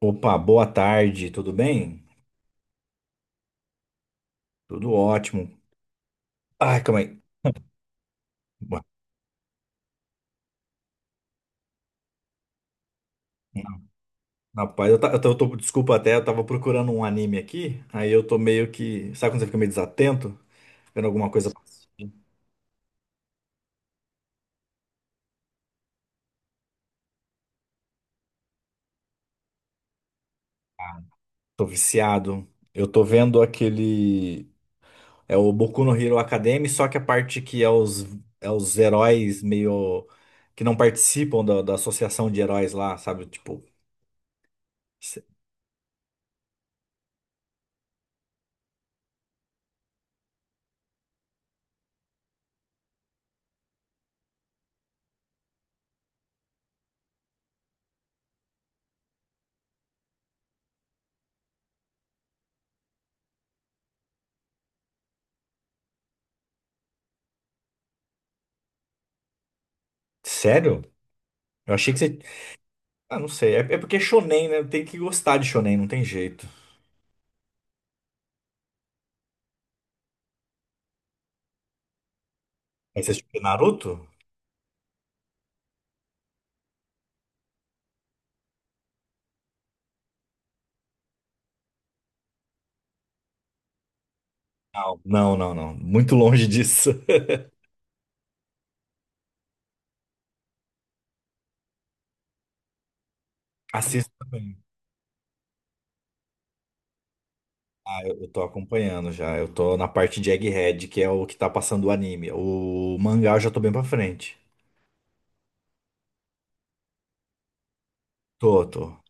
Opa, boa tarde, tudo bem? Tudo ótimo. Ai, calma aí. Boa- Rapaz, eu, ta- eu tô- desculpa até, eu tava procurando um anime aqui, aí eu tô meio que. Sabe quando você fica meio desatento? Vendo alguma coisa, tô viciado. Eu tô vendo aquele. É o Boku no Hero Academy, só que a parte que é os heróis meio. Que não participam da associação de heróis lá, sabe? Tipo. sé- Sério? Eu achei que você. Ah, não sei. É porque é shonen, né? Tem que gostar de shonen, não tem jeito. Aí você assistiu Naruto? Não, não, não, não. Muito longe disso. Assisto também. Ah, eu tô acompanhando já. Eu tô na parte de Egghead, que é o que tá passando o anime. O mangá eu já tô bem pra frente. Tô, tô.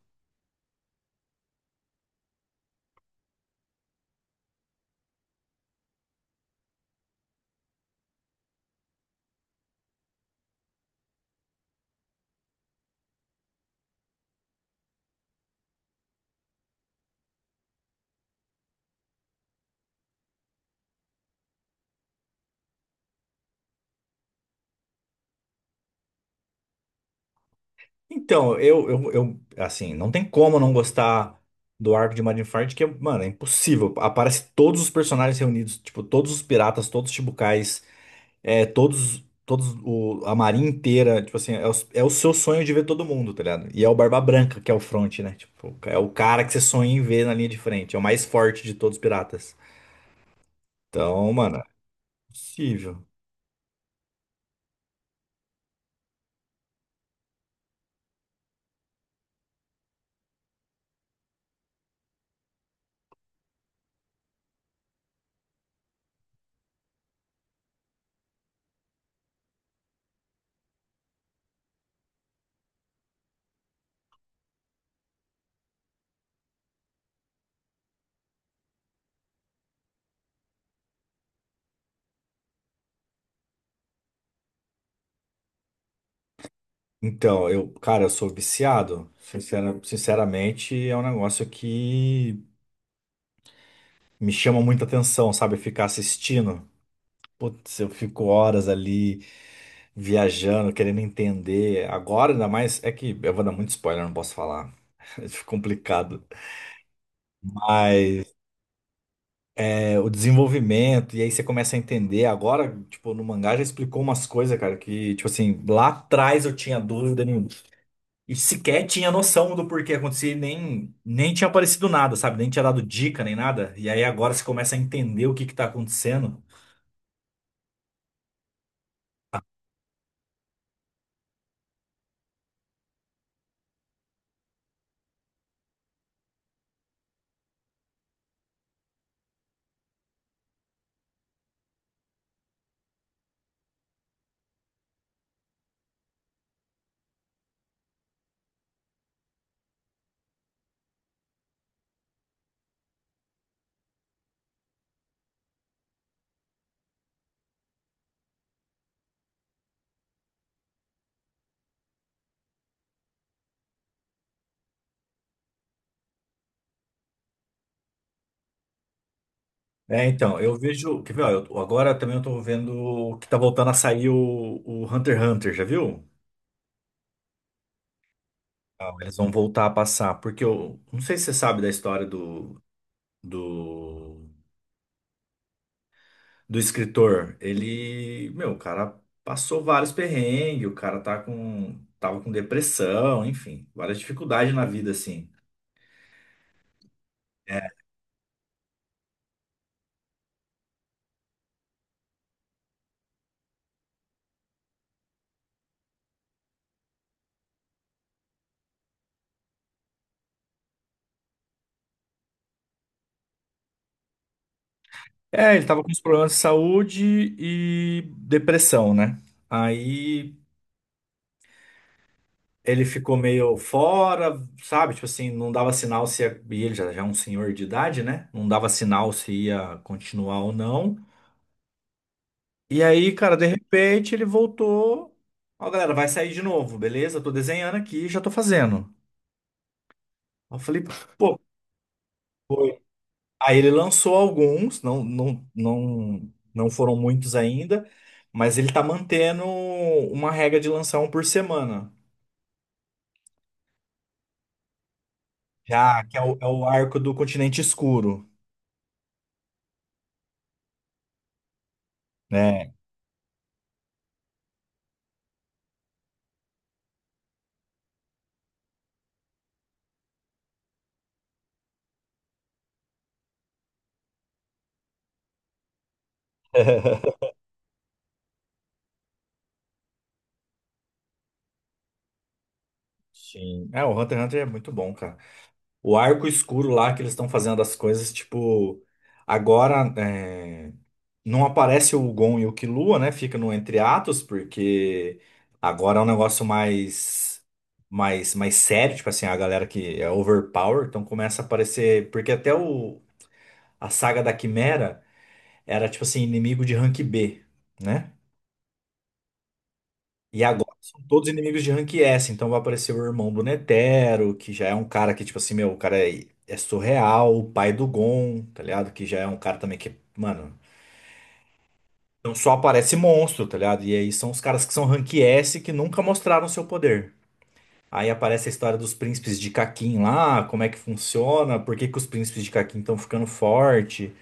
Então, eu, assim, não tem como não gostar do arco de Marineford, que, mano, é impossível. Aparece todos os personagens reunidos, tipo, todos os piratas, todos os Chibukais. É, todos, todos, a marinha inteira, tipo assim, é o seu sonho de ver todo mundo, tá ligado? E é o Barba Branca que é o front, né? Tipo, é o cara que você sonha em ver na linha de frente, é o mais forte de todos os piratas. Então, mano, é possível. Então, eu, cara, eu sou viciado. Sinceramente, é um negócio que me chama muita atenção, sabe? Ficar assistindo. Putz, eu fico horas ali, viajando, querendo entender. Agora, ainda mais, é que eu vou dar muito spoiler, não posso falar. É complicado. Mas é, o desenvolvimento, e aí você começa a entender. Agora, tipo, no mangá já explicou umas coisas, cara, que, tipo assim, lá atrás eu tinha dúvida nenhuma. E sequer tinha noção do porquê acontecer, e nem tinha aparecido nada, sabe? Nem tinha dado dica, nem nada. E aí agora você começa a entender o que que tá acontecendo. É, então, eu vejo. Quer ver, ó, agora também eu tô vendo que tá voltando a sair o Hunter x Hunter, já viu? Ah, eles vão voltar a passar, porque eu não sei se você sabe da história do, do escritor. Ele, meu, o cara passou vários perrengues, o cara tava com depressão, enfim, várias dificuldades na vida, assim. É, ele tava com uns problemas de saúde e depressão, né? Aí ele ficou meio fora, sabe? Tipo assim, não dava sinal se ia... E ele já é um senhor de idade, né? Não dava sinal se ia continuar ou não. E aí, cara, de repente ele voltou. Ó, galera, vai sair de novo, beleza? Tô desenhando aqui, já tô fazendo. Aí eu falei, pô, foi. Aí ele lançou alguns, não, não, não, não foram muitos ainda, mas ele tá mantendo uma regra de lançar um por semana, já que é o arco do Continente Escuro, né? Sim. É, o Hunter x Hunter é muito bom, cara. O arco escuro lá que eles estão fazendo as coisas, tipo, agora. É, não aparece o Gon e o Killua, né? Fica no entre atos, porque agora é um negócio mais sério, tipo assim, a galera que é overpower, então começa a aparecer, porque a saga da Quimera era tipo assim, inimigo de rank B, né? E agora são todos inimigos de rank S, então vai aparecer o irmão do Netero, que já é um cara que, tipo assim, meu, o cara é surreal, o pai do Gon, tá ligado? Que já é um cara também que, mano. Então só aparece monstro, tá ligado? E aí são os caras que são rank S que nunca mostraram seu poder. Aí aparece a história dos príncipes de Kakin lá, como é que funciona, por que que os príncipes de Kakin estão ficando forte,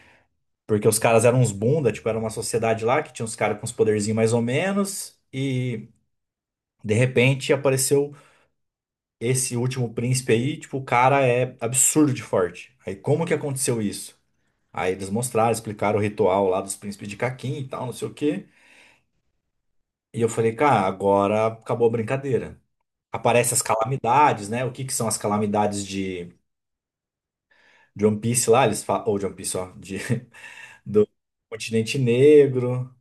porque os caras eram uns bunda, tipo, era uma sociedade lá que tinha uns caras com uns poderzinhos mais ou menos, e de repente apareceu esse último príncipe aí, tipo, o cara é absurdo de forte. Aí como que aconteceu isso? Aí eles mostraram, explicaram o ritual lá dos príncipes de Kakin e tal, não sei o quê. E eu falei, cara, agora acabou a brincadeira. Aparecem as calamidades, né? O que que são as calamidades de One Piece lá? Eles falam, ou de One Piece, ó, do continente negro,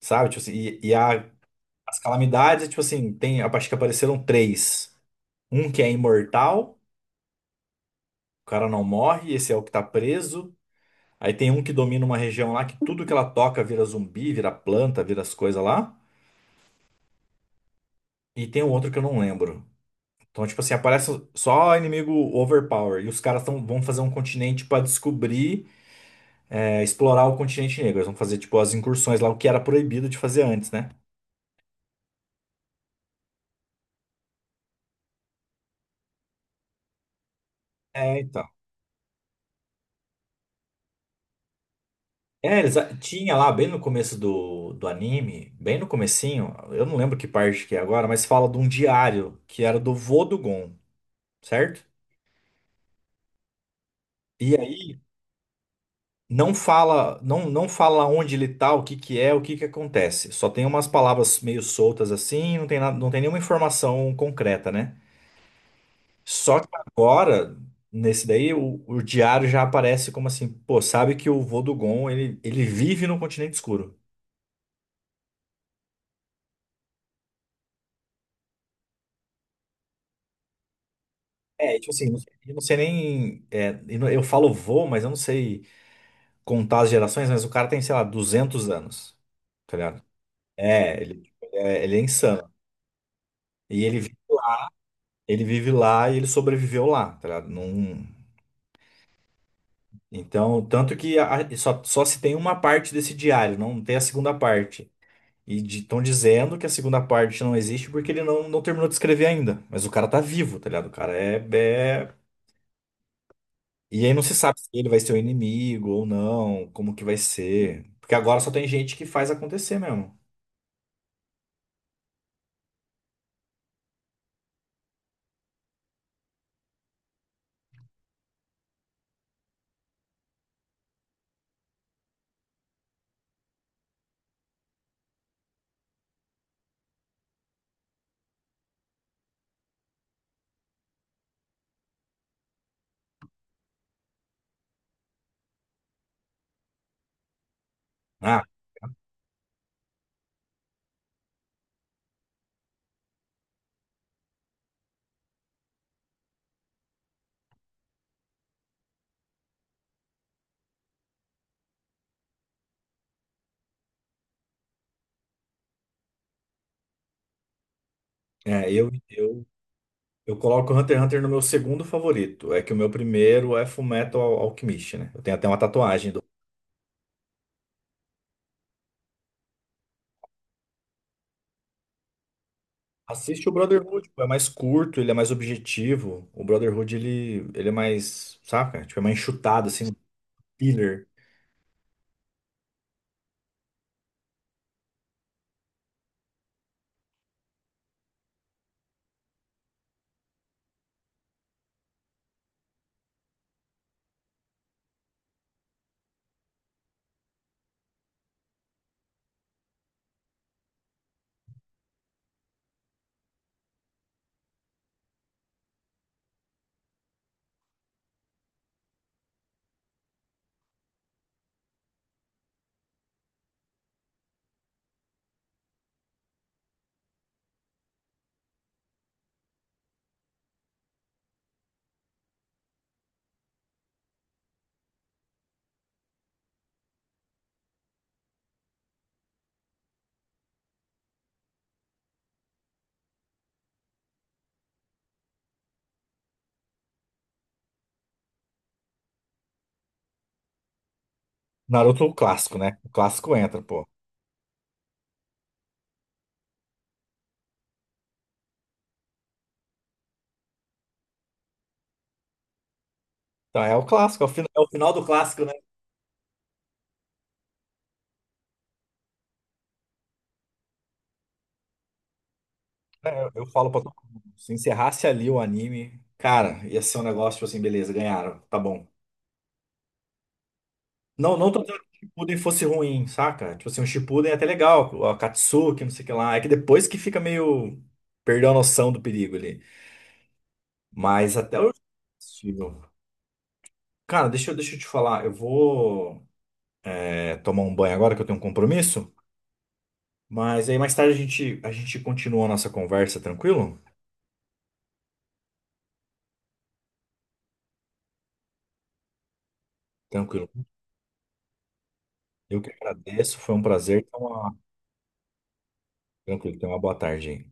sabe? Tipo assim, e as calamidades, tipo assim, tem, acho que apareceram três. Um que é imortal, o cara não morre, esse é o que tá preso. Aí tem um que domina uma região lá que tudo que ela toca vira zumbi, vira planta, vira as coisas lá. E tem um outro que eu não lembro. Então, tipo assim, aparece só inimigo overpower. E os caras vão fazer um continente pra descobrir, é, explorar o continente negro. Eles vão fazer, tipo, as incursões lá, o que era proibido de fazer antes, né? É, então. É, eles tinha lá, bem no começo do anime, bem no comecinho, eu não lembro que parte que é agora, mas fala de um diário que era do vô do Gon, certo? E aí não fala, não, não fala onde ele tá, o que que é, o que que acontece. Só tem umas palavras meio soltas assim, não tem nada, não tem nenhuma informação concreta, né? Só que agora, nesse daí, o diário já aparece como assim, pô, sabe que o vô do Gon, ele vive no continente escuro. É, tipo assim, eu não sei nem, é, eu não- eu falo vô, mas eu não sei contar as gerações, mas o cara tem, sei lá, 200 anos, tá ligado? É, ele, é, ele é insano. E ele vive lá e ele sobreviveu lá, tá ligado? Então, tanto que só se tem uma parte desse diário, não tem a segunda parte. E estão dizendo que a segunda parte não existe porque ele não, não terminou de escrever ainda. Mas o cara tá vivo, tá ligado? O cara é. E aí não se sabe se ele vai ser o inimigo ou não, como que vai ser. Porque agora só tem gente que faz acontecer mesmo. Ah, é, eu coloco o Hunter x Hunter no meu segundo favorito. É que o meu primeiro é Fullmetal Alchemist, né? Eu tenho até uma tatuagem do. Assiste o Brotherhood, pô, é mais curto, ele é mais objetivo. O Brotherhood, ele é mais, saca? Tipo, é mais enxutado, assim, um filler. Naruto é o clássico, né? O clássico entra, pô. Então é o clássico, é o final do clássico, né? É, eu falo pra todo mundo, se encerrasse ali o anime, cara, ia ser um negócio, tipo assim, beleza, ganharam, tá bom. Não, não tô dizendo que o Shippuden fosse ruim, saca? Tipo assim, o Shippuden é até legal, o Akatsuki, não sei o que lá. É que depois que fica meio... Perdeu a noção do perigo ali. Mas até o... Possível. Cara, deixa eu te falar, eu vou é, tomar um banho agora que eu tenho um compromisso, mas aí mais tarde a gente continua a nossa conversa, tranquilo? Tranquilo. Eu que agradeço, foi um prazer. Então, uma... Tranquilo, tenha uma boa tarde aí.